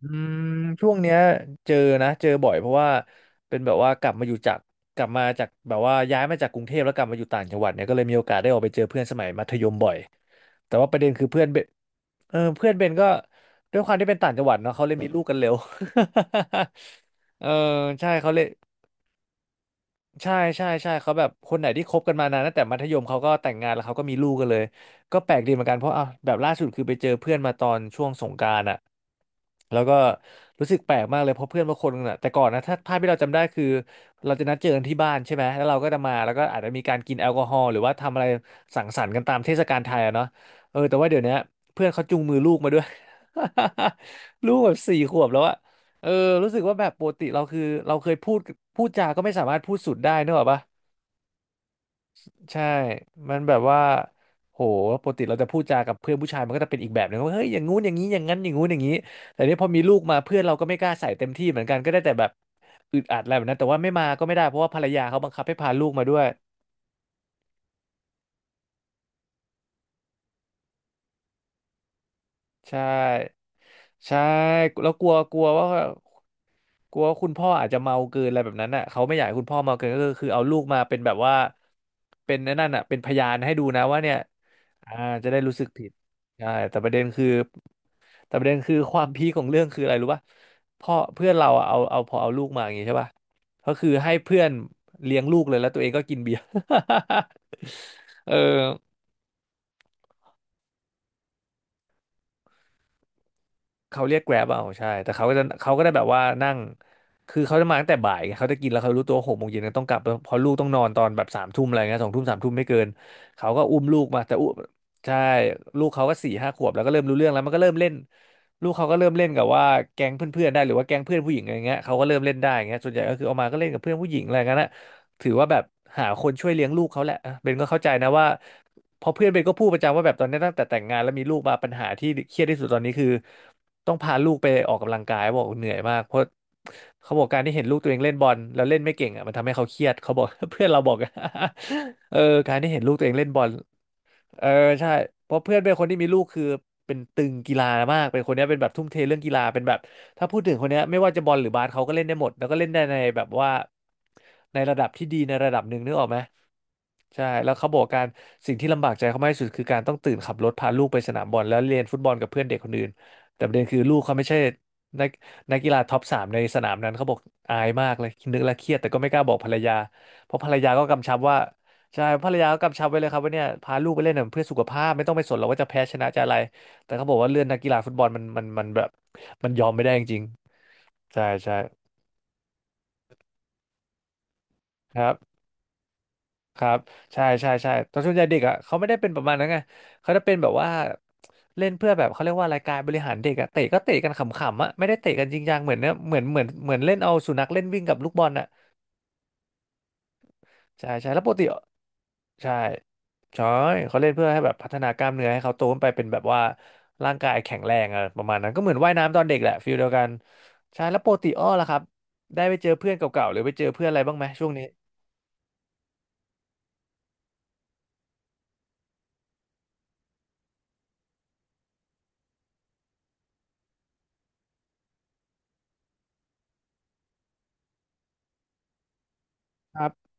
อืมช่วงเนี้ยเจอนะเจอบ่อยเพราะว่าเป็นแบบว่ากลับมาจากแบบว่าย้ายมาจากกรุงเทพแล้วกลับมาอยู่ต่างจังหวัดเนี่ยก็เลยมีโอกาสได้ออกไปเจอเพื่อนสมัยมัธยมบ่อยแต่ว่าประเด็นคือเพื่อนเบนเออเพื่อนเบนก็ด้วยความที่เป็นต่างจังหวัดเนาะเขาเลยมีลูกกันเร็ว เออใช่เขาเลย ใช่ใช่ใช่เขาแบบคนไหนที่คบกันมานานตั้งแต่มัธยมเขาก็แต่งงานแล้วเขาก็มีลูกกันเลยก็แปลกดีเหมือนกันเพราะอ่ะแบบล่าสุดคือไปเจอเพื่อนมาตอนช่วงสงกรานต์อ่ะแล้วก็รู้สึกแปลกมากเลยเพราะเพื่อนบางคนน่ะแต่ก่อนนะถ้าภาพที่เราจำได้คือเราจะนัดเจอกันที่บ้านใช่ไหมแล้วเราก็จะมาแล้วก็อาจจะมีการกินแอลกอฮอล์หรือว่าทำอะไรสังสรรค์กันตามเทศกาลไทยอะเนาะเออแต่ว่าเดี๋ยวเนี้ยเพื่อนเขาจูงมือลูกมาด้วย ลูกแบบ4 ขวบแล้วอะ เออรู้สึกว่าแบบปกติเราคือเราเคยพูดจาก็ไม่สามารถพูดสุดได้นึกออกปะใช่มันแบบว่าโหปกติเราจะพูดจากับเพื่อนผู้ชายมันก็จะเป็นอีกแบบหนึงว่าเฮ้ยอย่างงู้นอย่างนี้อย่างนั้นอย่างงู้นอย่างนี้แต่เนี่ยพอมีลูกมาเพื่อนเราก็ไม่กล้าใส่เต็มที่เหมือนกันก็ได้แต่แบบอึดอัดอะไรแบบนั้นแต่ว่าไม่มาก็ไม่ได้เพราะว่าภรรยาเขาบังคับให้พาลูกมาด้วยใช่ใช่แล้วกลัวกลัวว่า กลัวว่าคุณพ่ออาจจะเมาเกินอะไรแบบนั้นอ่ะเขาไม่อยากให้คุณพ่อเมาเกินก็คือเอาลูกมาเป็นแบบว่าเป็นไอ้นั่นน่ะเป็นพยานให้ดูนะว่าเนี่ยอ่าจะได้รู้สึกผิดใช่แต่ประเด็นคือความพีคของเรื่องคืออะไรรู้ป่ะพ่อเพื่อนเราอะเอาเอาพอเอาลูกมาอย่างงี้ใช่ป่ะก็คือให้เพื่อนเลี้ยงลูกเลยแล้วตัวเองก็กินเบียร์ เออ เขาเรียกแกร็บเอาใช่แต่เขาก็ได้แบบว่านั่งคือเขาจะมาตั้งแต่บ่ายไงเขาจะกินแล้วเขารู้ตัว6 โมงเย็นต้องกลับเพราะลูกต้องนอนตอนแบบสามทุ่มอะไรเงี้ย2 ทุ่มสามทุ่มไม่เกินเขาก็อุ้มลูกมาแต่อุ้มใช่ลูกเขาก็4-5 ขวบแล้วก็เริ่มรู้เรื่องแล้วมันก็เริ่มเล่นลูกเขาก็เริ่มเล่นกับว่าแก๊งเพื่อนๆได้หรือว่าแก๊งเพื่อนผู้หญิงอะไรเงี้ยเขาก็เริ่มเล่นได้อย่างเงี้ยส่วนใหญ่ก็คือเอามาก็เล่นกับเพื่อนผู้หญิงอะไรเงี้ยนะถือว่าแบบหาคนช่วยเลี้ยงลูกเขาแหละอ่ะเบนก็เข้าใจนะว่า เพราะเพื่อนเบนก็พูดประจำว่าแบบตอนนี้ตั้งแต่แต่งงานแล้วมีลูกมาปัญหาที่เครียดที่สุดตอนนี้คือต้องพาลูกไปออกกำลังกายบอกเหนื่อยมากเพราะเขาบอกการที่เห็นลูกตัวเองเล่นบอลแล้วเล่นไม่เก่งอ่ะมันทำให้เขาเครียดเขาบอก เพื่อนเราบอก เออการที่เห็นลูกตัวเองเล่นบอล เออใช่เพราะเพื่อนเป็นคนที่มีลูกคือเป็นตึงกีฬามากเป็นคนเนี้ยเป็นแบบทุ่มเทเรื่องกีฬาเป็นแบบถ้าพูดถึงคนเนี้ยไม่ว่าจะบอลหรือบาสเขาก็เล่นได้หมดแล้วก็เล่นได้ในแบบว่าในระดับที่ดีในระดับหนึ่งนึกออกไหมใช่แล้วเขาบอกการสิ่งที่ลำบากใจเขามากที่สุดคือการต้องตื่นขับรถพาลูกไปสนามบอลแล้วเรียนฟุตบอลกับเพื่อนเด็กคนอื่นแต่ประเด็นคือลูกเขาไม่ใช่นักนักกีฬาท็อป 3ในสนามนั้นเขาบอกอายมากเลยนึกแล้วเครียดแต่ก็ไม่กล้าบอกภรรยาเพราะภรรยาก็กำชับว่า ใช่ภรรยาก็กำชับไว้เลยครับว่าเนี่ยพาลูกไปเล่นน่ะเพื่อสุขภาพไม่ต้องไปสนหรอกว่าจะแพ้ชนะจะอะไรแต่เขาบอกว่าเรื่องนักกีฬาฟุตบอลมันแบบมันยอมไม่ได้จริงๆใช่ใช่ครับครับใช่ใช่ใช่ตอนส่วนใหญ่เด็กอ่ะเขาไม่ได้เป็นประมาณนั้นไงเขาจะเป็นแบบว่าเล่นเพื่อแบบเขาเรียกว่าอะไรายการบริหารเด็กอ่ะเตะก็เตะกันขำๆอ่ะไม่ได้เตะกันจริงจังเหมือนเนี่ยเหมือนเล่นเอาสุนัขเล่นวิ่งกับลูกบอลอ่ะ ใช่ใช่แล้วปกติใช่ใช่เขาเล่นเพื่อให้แบบพัฒนากล้ามเนื้อให้เขาโตขึ้นไปเป็นแบบว่าร่างกายแข็งแรงอะประมาณนั้นก็เหมือนว่ายน้ำตอนเด็กแหละฟิลเดียวกันใช่แล้วปกติอ้อล่ะครับได้ไปเจอเพื่อนเก่าๆหรือไปเจอเพื่อนอะไรบ้างไหมช่วงนี้ครับ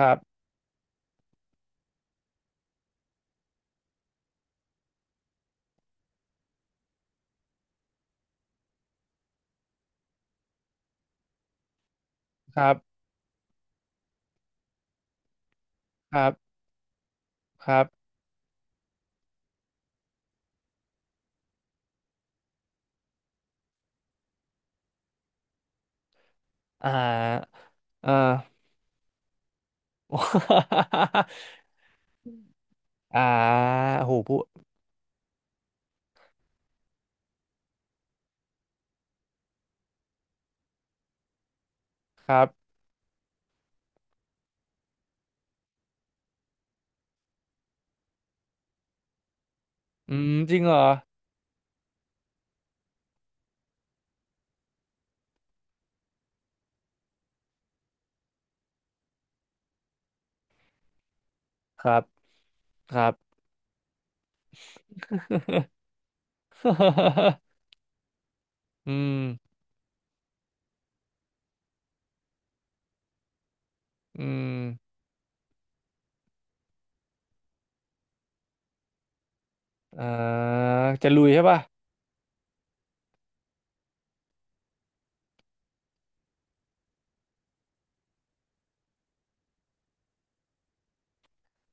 ครับครับครับครับอ่าเอ่า อ่าโหพูดครับอืมจริงเหรอครับครับ อืมอืมอ่าจะลุยใช่ป่ะ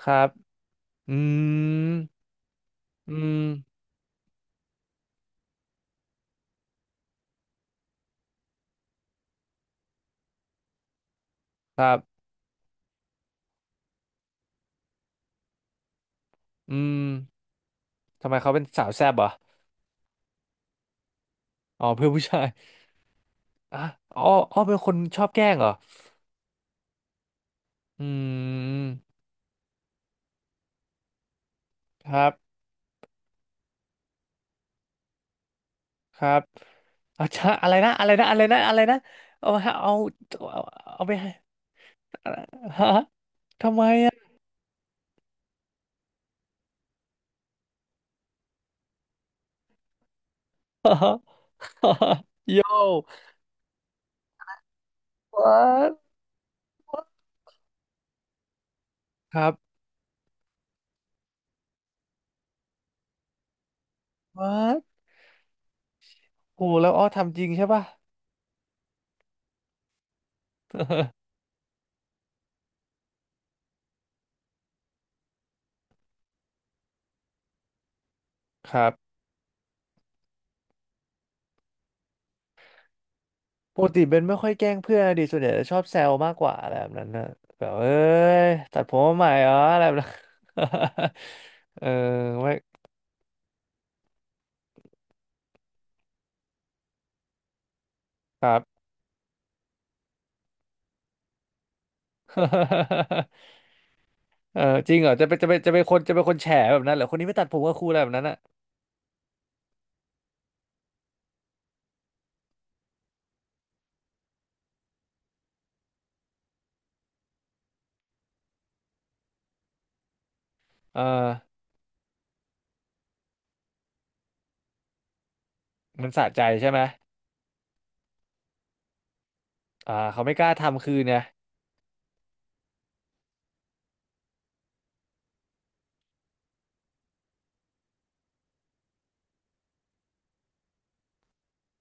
ครับอืมอืมครับอืมทำไมเขาเป็นสาวแซ่บเหรออ๋อเพื่อนผู้ชายอ่ะอ๋ออ๋อเป็นคนชอบแกล้งเหรออืมครับครับเอาชะอะไรนะ อะไรนะอะไรนะอะไรนะเอาฮะเอาเอาเอาไปให้ฮะทำไมอ่ะ โย่ what what ครับ what โหแล้วอ้อทำจริงใช่ป่ะ ครับ ปกติเบนไม่ค่อยแกล้งเพื่อนดิส่วนใหญ่จะชอบแซวมากกว่าอะไรแบบนั้นนะแบบเอ้ยตัดผมมาใหม่เหรออะไรแบบนั้น เออไม่ครับ เออจริงเหรอจะเป็นคนจะเป็นคนแฉแบบนั้นเหรอคนนี้ไม่ตัดผมก็ครูอะไรแบบนั้นอ่ะเออมันสะใจใช่ไหมอ่าเขาไม่กล้าทำคืนเนี่ย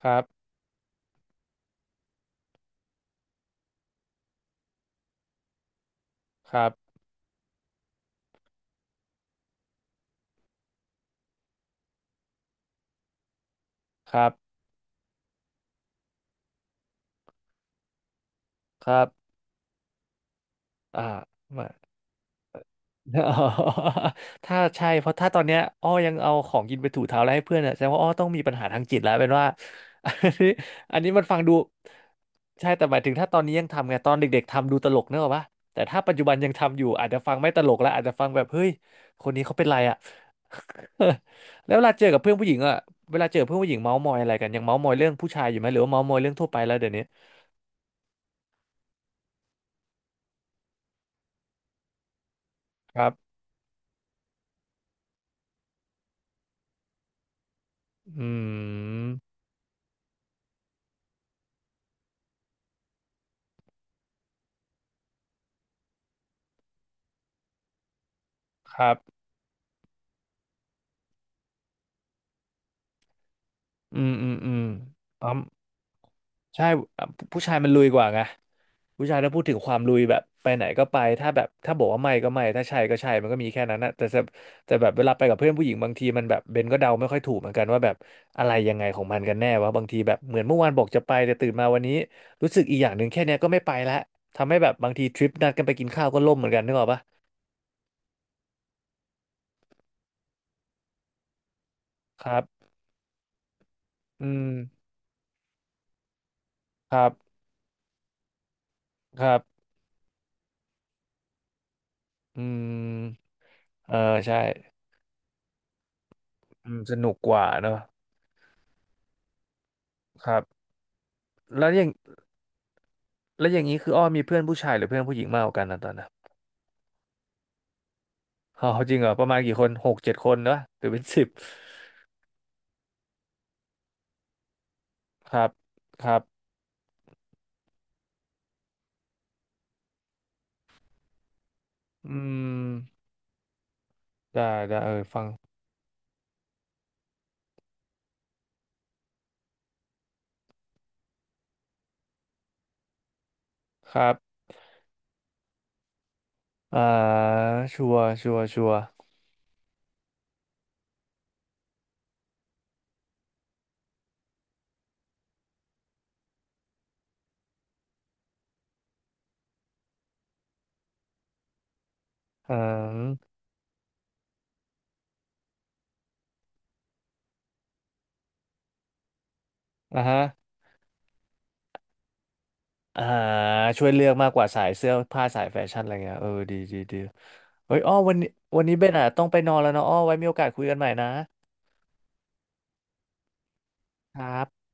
ครับครับครับครับอ่า อ๋อถ้าใช่เพราะถ้าตอนเนี้ยอ้อยังเอาของกินไปถูเท้าแล้วให้เพื่อนอ่ะแสดงว่าอ้อต้องมีปัญหาทางจิตแล้วเป็นว่า อันนี้อันนี้มันฟังดูใช่แต่หมายถึงถ้าตอนนี้ยังทำไงตอนเด็กๆทำดูตลกเนกอะปะแต่ถ้าปัจจุบันยังทำอยู่อาจจะฟังไม่ตลกแล้วอาจจะฟังแบบเฮ้ยคนนี้เขาเป็นไรอ่ะ แล้วเวลาเจอกับเพื่อนผู้หญิงอ่ะเวลาเจอเพื่อนผู้หญิงเมาส์มอยอะไรกันยังเมาส์มอยเรื่องผู้ชายอยู่ไหมหรือว่าเมาส์มอยเรื่องทั่วไปแล้วเดี๋ยวนี้ครับอืมครับอืมอืมอืมอ๋อ ใช่อ่ะผู้ชายมันลุยกว่าไงผู้ชายถ้าพูดถึงความลุยแบบไปไหนก็ไปถ้าแบบถ้าบอกว่าไม่ก็ไม่ถ้าใช่ก็ใช่มันก็มีแค่นั้นนะแต่แบบเวลาไปกับเพื่อนผู้หญิงบางทีมันแบบเบนก็เดาไม่ค่อยถูกเหมือนกันว่าแบบอะไรยังไงของมันกันแน่วะบางทีแบบเหมือนเมื่อวานบอกจะไปแต่ตื่นมาวันนี้รู้สึกอีกอย่างหนึ่งแค่เนี้ยก็ไม่ไปละทำให้แบบบางทีทริปนัดกันไปกินข้าวก็ล่มเหมือนกันนึกออกปะครับอืมครับครับอืมเออใช่อืมสนุกกว่าเนอะครับแล้วอย่าง แล้วอย่างนี้คืออ้อมีเพื่อนผู้ชายหรือเพื่อนผู้หญิงมากกว่ากันนะตอนนั้นอ๋อจริงเหรอประมาณกี่คนหกเจ็ดคนเนอะหรือเป็นสิบครับครับอืมได้ได้เออฟังครับอ่าชัวร์ชัวร์ชัวร์อืมอ่าฮะอ่าช่วยเลือกมากกว่าสายเสื้อผ้าสายแฟชั่นอะไรเงี้ยเออดีดีดีเฮ้ยอ้อวันนี้วันนี้เบนอ่ะต้องไปนอนแล้วเนาะอ้อไว้มีโอกาสคุยกันใหม่นะครับ